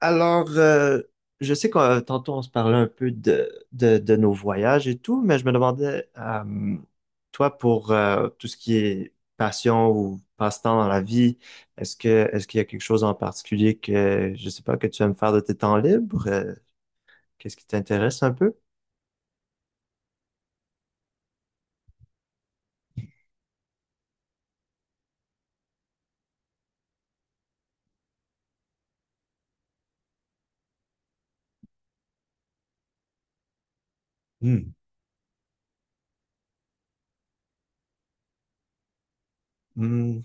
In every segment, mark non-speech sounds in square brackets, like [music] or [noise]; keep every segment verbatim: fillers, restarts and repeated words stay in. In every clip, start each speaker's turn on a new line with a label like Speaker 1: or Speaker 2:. Speaker 1: Alors, euh, je sais que tantôt on se parlait un peu de, de, de nos voyages et tout, mais je me demandais, euh, toi, pour euh, tout ce qui est passion ou passe-temps dans la vie, est-ce que est-ce qu'il y a quelque chose en particulier que, je sais pas, que tu aimes faire de tes temps libres? Euh, qu'est-ce qui t'intéresse un peu? Hmm. Hmm.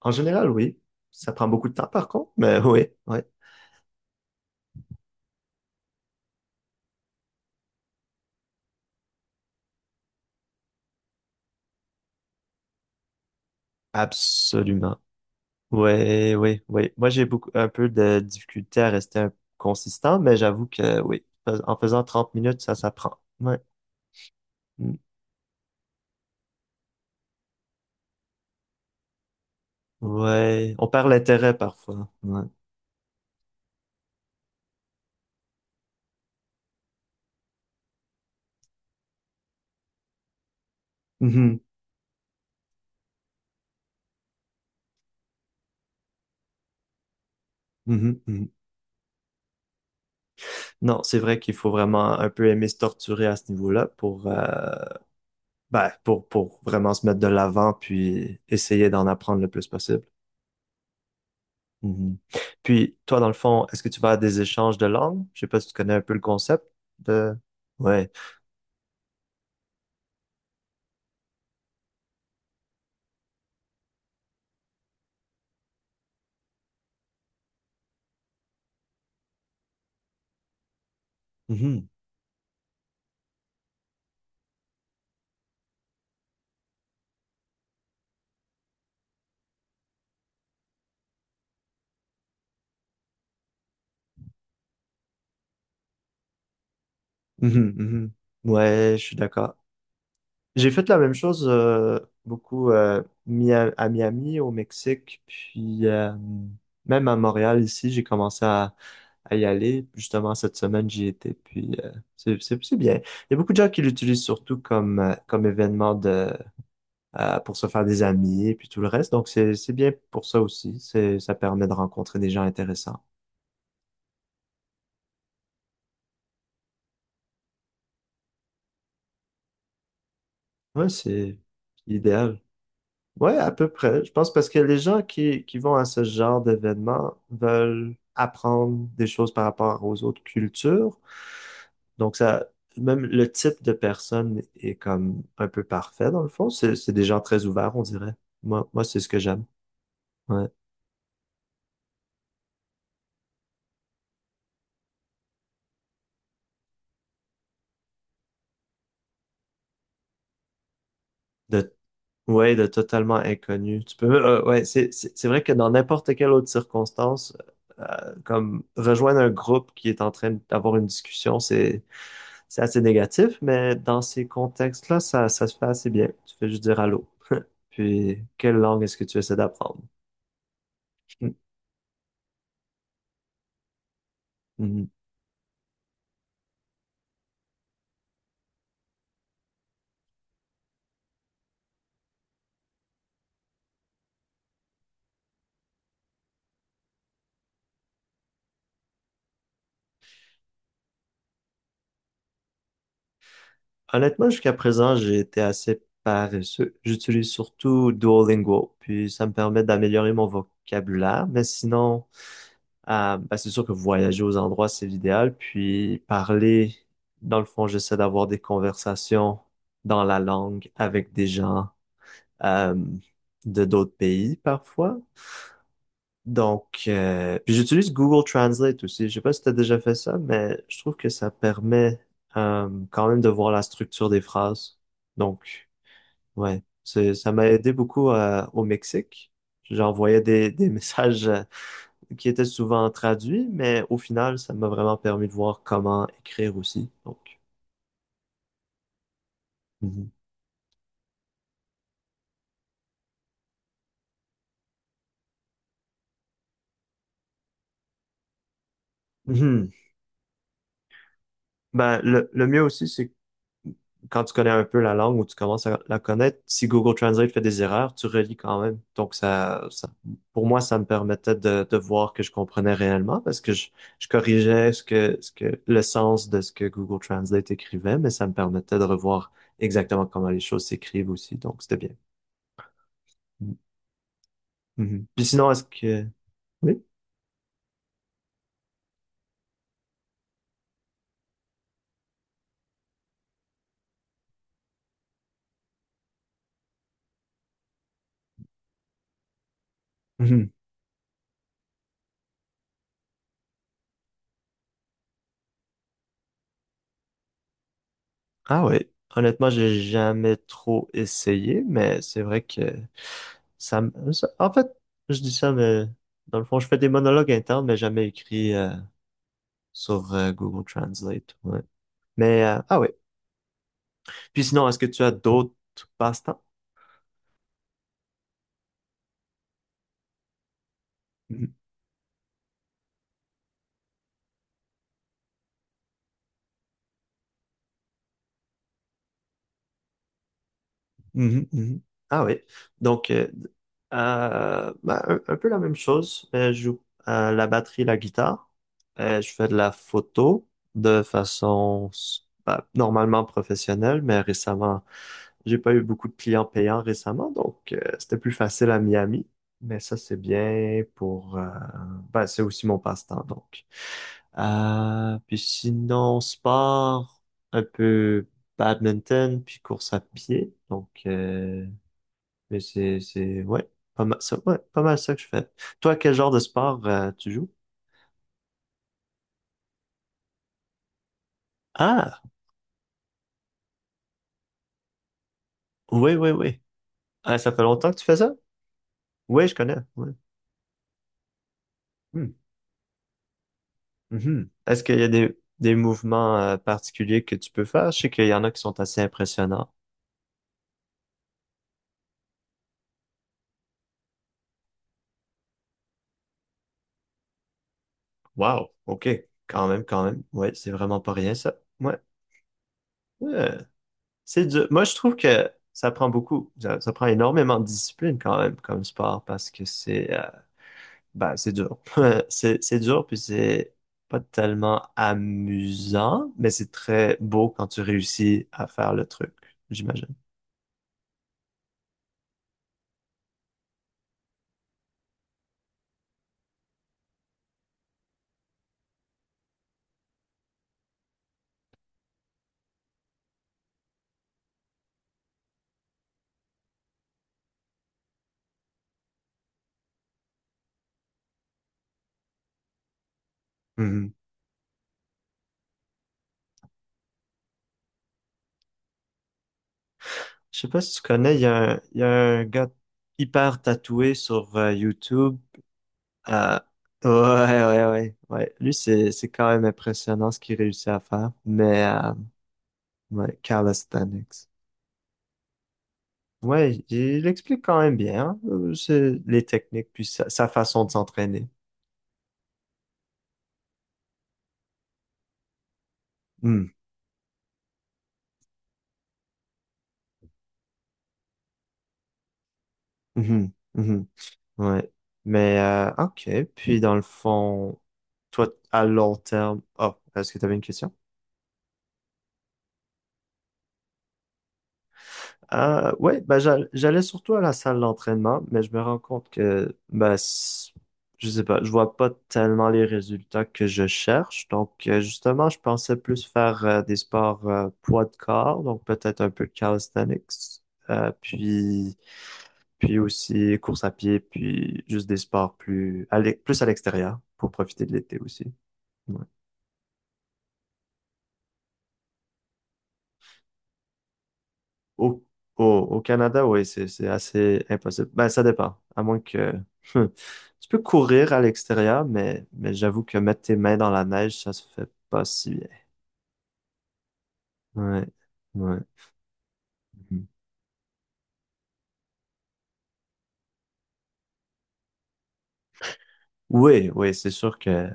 Speaker 1: En général, oui. Ça prend beaucoup de temps, par contre, mais [laughs] oui, oui, absolument. Ouais, oui, oui. Moi, j'ai beaucoup un peu de difficulté à rester un- consistant, mais j'avoue que oui, fais- en faisant trente minutes, ça s'apprend. Ouais. Mm. Ouais. On perd l'intérêt parfois. Ouais. Mhm. Mhm. Mhm. Non, c'est vrai qu'il faut vraiment un peu aimer se torturer à ce niveau-là pour, euh, ben, pour, pour vraiment se mettre de l'avant puis essayer d'en apprendre le plus possible. Mhm. Puis, toi, dans le fond, est-ce que tu vas à des échanges de langues? Je sais pas si tu connais un peu le concept de... Ouais. Mhm, mhm. Ouais, je suis d'accord. J'ai fait la même chose euh, beaucoup euh, Mia- à Miami, au Mexique, puis euh, même à Montréal ici, j'ai commencé à, à y aller. Justement, cette semaine, j'y étais, puis euh, c'est, c'est, c'est bien. Il y a beaucoup de gens qui l'utilisent surtout comme, euh, comme événement de, euh, pour se faire des amis, puis tout le reste. Donc, c'est, c'est bien pour ça aussi. C'est, ça permet de rencontrer des gens intéressants. Ouais, c'est idéal. Ouais, à peu près. Je pense parce que les gens qui, qui vont à ce genre d'événements veulent apprendre des choses par rapport aux autres cultures. Donc ça, même le type de personne est comme un peu parfait dans le fond. C'est, c'est des gens très ouverts, on dirait. Moi, moi, c'est ce que j'aime. Ouais. De Ouais, de totalement inconnu. Tu peux, euh, ouais, c'est, c'est c'est vrai que dans n'importe quelle autre circonstance, euh, comme rejoindre un groupe qui est en train d'avoir une discussion, c'est, c'est assez négatif, mais dans ces contextes-là, ça, ça se fait assez bien. Tu fais juste dire allô. [laughs] Puis, quelle langue est-ce que tu essaies d'apprendre? Mhm. Mhm. Honnêtement, jusqu'à présent, j'ai été assez paresseux. J'utilise surtout Duolingo, puis ça me permet d'améliorer mon vocabulaire, mais sinon, Euh, bah, c'est sûr que voyager aux endroits, c'est l'idéal. Puis parler, dans le fond, j'essaie d'avoir des conversations dans la langue avec des gens euh, de d'autres pays parfois. Donc, euh, puis j'utilise Google Translate aussi. Je sais pas si tu as déjà fait ça, mais je trouve que ça permet euh, quand même de voir la structure des phrases. Donc, ouais, c'est, ça m'a aidé beaucoup euh, au Mexique. J'envoyais des, des [laughs] messages qui était souvent traduit, mais au final, ça m'a vraiment permis de voir comment écrire aussi. Donc, mhm. Mhm. Ben, le, le mieux aussi, c'est quand tu connais un peu la langue ou tu commences à la connaître, si Google Translate fait des erreurs, tu relis quand même. Donc, ça, ça pour moi, ça me permettait de, de voir que je comprenais réellement parce que je, je corrigeais ce que, ce que, le sens de ce que Google Translate écrivait, mais ça me permettait de revoir exactement comment les choses s'écrivent aussi. Donc, c'était bien. Mhm. Puis sinon, est-ce que... Oui? Ah oui, honnêtement, j'ai jamais trop essayé, mais c'est vrai que ça, me- ça- en fait, je dis ça, mais dans le fond, je fais des monologues internes, mais jamais écrits euh, sur euh, Google Translate. Ouais. Mais euh, ah oui. Puis sinon, est-ce que tu as d'autres passe-temps? Mhm, mhm. Ah oui. Donc, euh, euh, bah, un, un peu la même chose. Euh, je joue euh, la batterie, la guitare. Euh, je fais de la photo de façon s- bah, normalement professionnelle, mais récemment, j'ai pas eu beaucoup de clients payants récemment, donc euh, c'était plus facile à Miami. Mais ça, c'est bien pour... euh, bah, c'est aussi mon passe-temps, donc. Euh, puis sinon, sport, un peu badminton, puis course à pied. Donc, euh, mais c'est, c'est, ouais, pas mal ça, ouais, pas mal ça que je fais. Toi, quel genre de sport euh, tu joues? Ah, oui, oui, oui. Ah, ça fait longtemps que tu fais ça? Oui, je connais. Ouais. Hmm, mhm. Est-ce qu'il y a des, des mouvements euh, particuliers que tu peux faire? Je sais qu'il y en a qui sont assez impressionnants. Wow, ok, quand même, quand même. Ouais, c'est vraiment pas rien ça. Ouais. Ouais. C'est dur. Moi, je trouve que ça prend beaucoup, ça, ça prend énormément de discipline quand même comme sport parce que c'est euh, ben, c'est dur. [laughs] C'est c'est dur puis c'est pas tellement amusant, mais c'est très beau quand tu réussis à faire le truc, j'imagine. Mhm. Je sais pas si tu connais, il y a un, il y a un gars hyper tatoué sur euh, YouTube. Ah, ouais, ouais, ouais, ouais. Lui, c'est, c'est quand même impressionnant ce qu'il réussit à faire. Mais, euh, ouais, calisthenics. Ouais, il explique quand même bien, hein, euh, c'est les techniques, puis sa, sa façon de s'entraîner. Hmm, mhm, mhm, ouais. Mais, euh, ok. Puis, dans le fond, toi, à long terme, oh, est-ce que tu avais une question? Euh, ouais, ben j'a- j'allais surtout à la salle d'entraînement, mais je me rends compte que ben c- je sais pas, je vois pas tellement les résultats que je cherche. Donc euh, justement, je pensais plus faire euh, des sports euh, poids de corps, donc peut-être un peu de calisthenics, euh, puis puis aussi course à pied, puis juste des sports plus à l'e- plus à l'extérieur pour profiter de l'été aussi. Ouais. Au, au, Au Canada, oui, c'est, c'est assez impossible. Ben, ça dépend. À moins que [laughs] tu peux courir à l'extérieur, mais, mais j'avoue que mettre tes mains dans la neige, ça se fait pas si bien. Ouais, ouais. Mhm. Oui, oui, c'est sûr que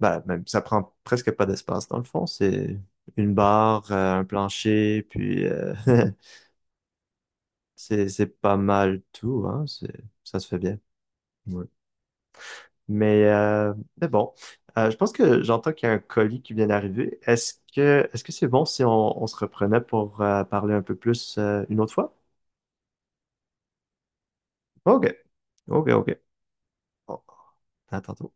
Speaker 1: ben, même, ça prend presque pas d'espace dans le fond. C'est une barre, euh, un plancher, puis euh, [laughs] c'est, c'est pas mal tout, hein. C'est, ça se fait bien. Ouais. Mais, euh, mais bon, Euh, je pense que j'entends qu'il y a un colis qui vient d'arriver. Est-ce que est-ce que c'est bon si on, on se reprenait pour euh, parler un peu plus euh, une autre fois? OK, OK, OK. Bon, à tantôt.